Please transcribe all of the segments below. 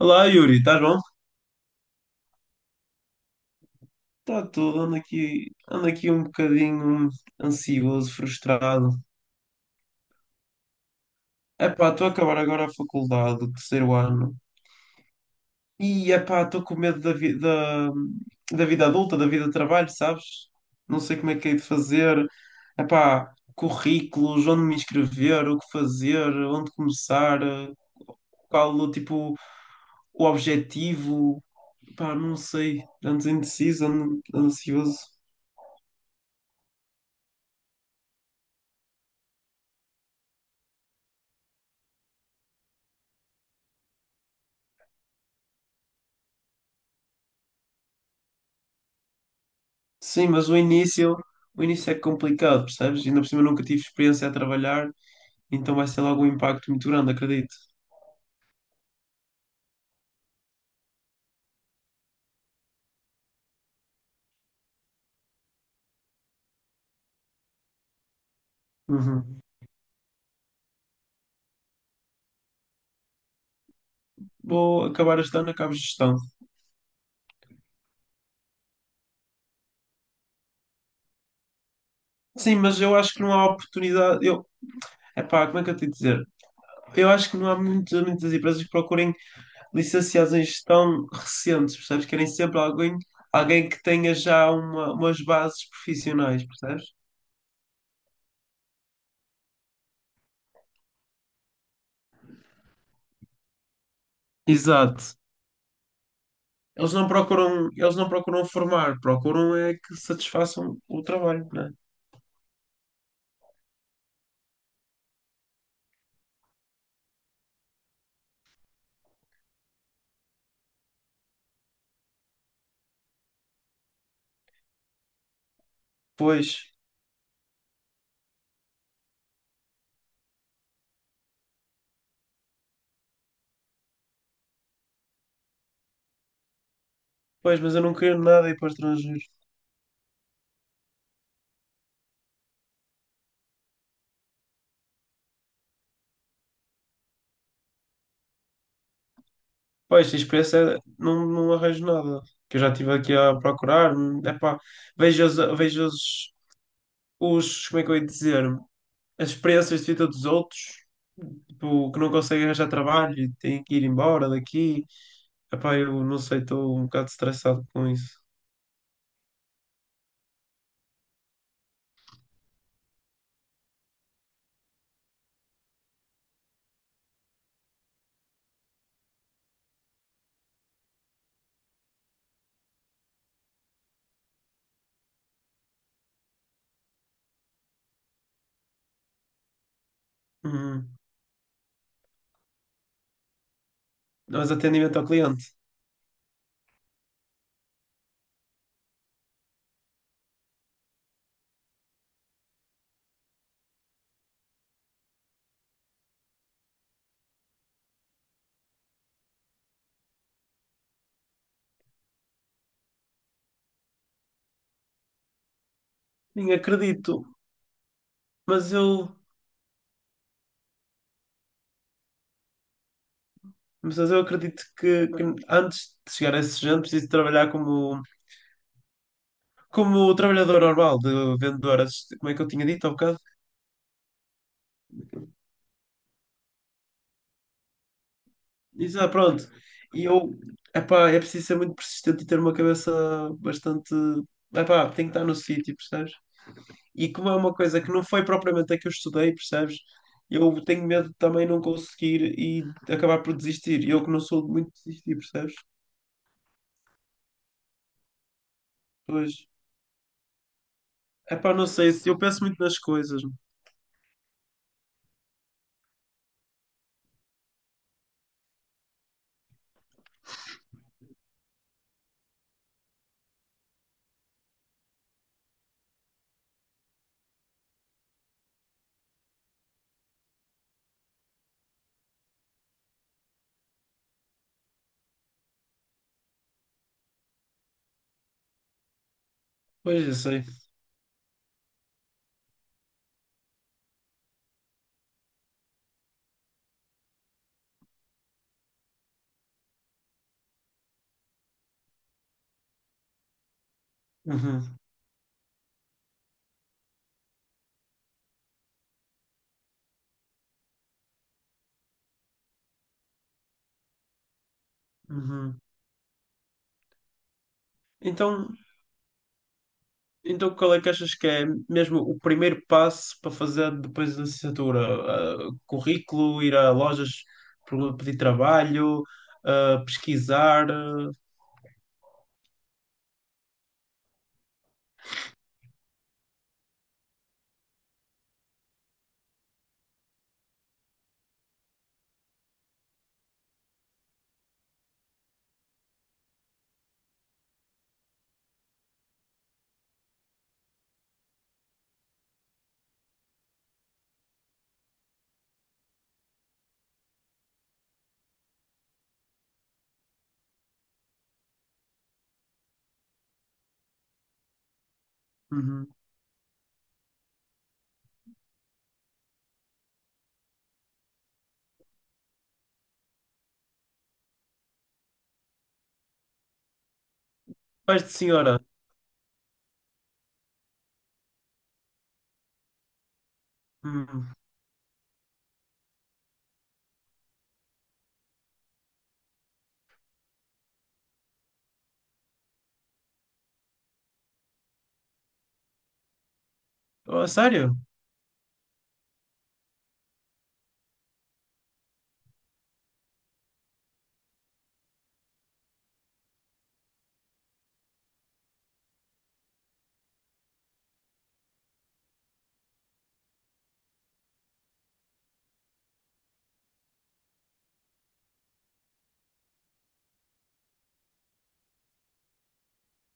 Olá, Yuri, estás bom? Está tudo, ando aqui um bocadinho ansioso, frustrado. Epá, estou a acabar agora a faculdade, o terceiro ano. E epá, estou com medo da da vida adulta, da vida de trabalho, sabes? Não sei como é que hei de fazer. Epá, currículos, onde me inscrever, o que fazer, onde começar, qual o tipo, o objetivo. Epá, não sei, ando indeciso, ando ansioso. Sim, mas o início é complicado, percebes? Ainda por cima nunca tive experiência a trabalhar, então vai ser logo um impacto muito grande, acredito. Uhum. Vou acabar este ano, acabo gestão. Sim, mas eu acho que não há oportunidade. Eu, epá, como é que eu tenho de dizer? Eu acho que não há muitas empresas que procurem licenciados em gestão recentes, percebes? Querem sempre alguém, alguém que tenha já uma, umas bases profissionais, percebes? Exato. Eles não procuram formar, procuram é que satisfaçam o trabalho, né? Pois, pois, mas eu não queria nada ir para o estrangeiro. Pois, a experiência é- não, não arranjo nada. Que eu já estive aqui a procurar. Epá, vejo os, como é que eu ia dizer, as experiências de vida dos outros, tipo, que não conseguem arranjar trabalho e têm que ir embora daqui. Epá, eu não sei, estou um bocado estressado com isso. Uhum. Mas atendimento ao cliente. Nem acredito, mas eu, mas eu acredito que antes de chegar a esse género preciso trabalhar como, como trabalhador normal, de vendedor, assist- como é que eu tinha dito há bocado? Isso, ah, pronto. E eu, epá, é preciso ser muito persistente e ter uma cabeça bastante. Epá, tem que estar no sítio, percebes? E como é uma coisa que não foi propriamente a que eu estudei, percebes? Eu tenho medo de também não conseguir e acabar por desistir. E eu que não sou de muito desistir, percebes? Pois. É pá, não sei se eu penso muito nas coisas. Pois, eu sei. Uhum, uhum. Então, então qual é que achas que é mesmo o primeiro passo para fazer depois da licenciatura? Ah, currículo, ir a lojas pedir trabalho, ah, pesquisar. Uhum. Pais de senhora. Uhum. Oh, sério?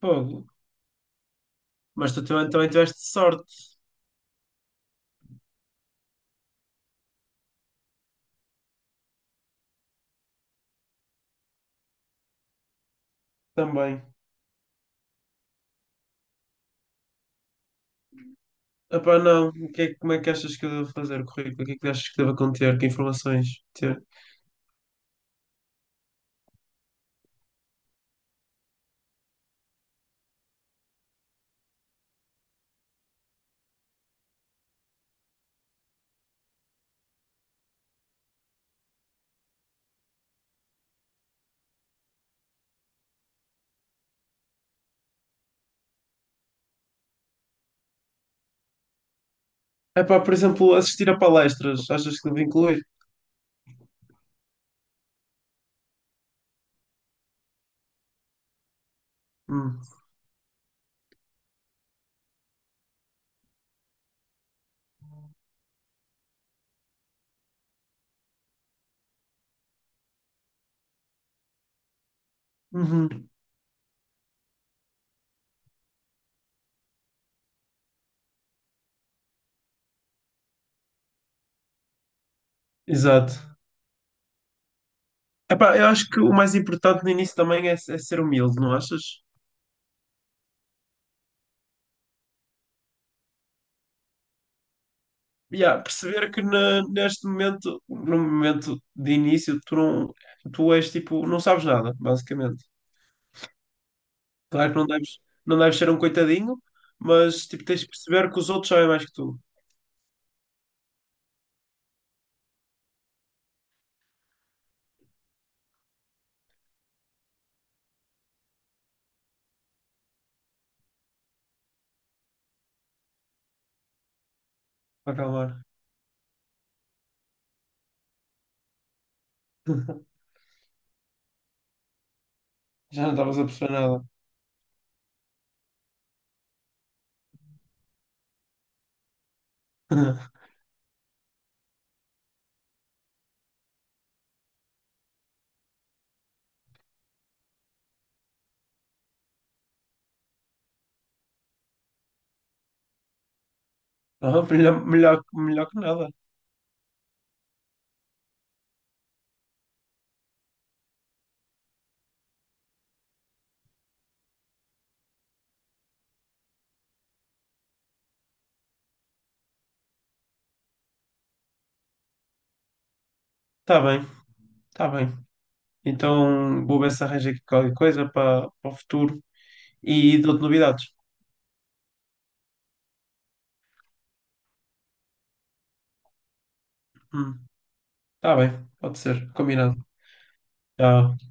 Pô, mas tu também tiveste sorte também. Epá, não. O que é- como é que achas que eu devo fazer o currículo? O que é que achas que devo conter? Que informações ter? Epá, por exemplo, assistir a palestras. Achas que devo incluir? Hum. Uhum. Exato. Epá, eu acho que o mais importante no início também é, é ser humilde, não achas? Yeah, perceber que na- neste momento, no momento de início, tu não, tu és tipo, não sabes nada, basicamente. Claro que não deves, não deves ser um coitadinho, mas tipo, tens de perceber que os outros sabem mais que tu, para acalmar. Já não estavas a perceber nada. Ah, melhor, melhor, melhor que nada. Tá bem, tá bem. Então vou ver se arranjo aqui qualquer coisa para para o futuro e dou-te novidades. Hum, tá bem, pode ser, combinado. Tchau.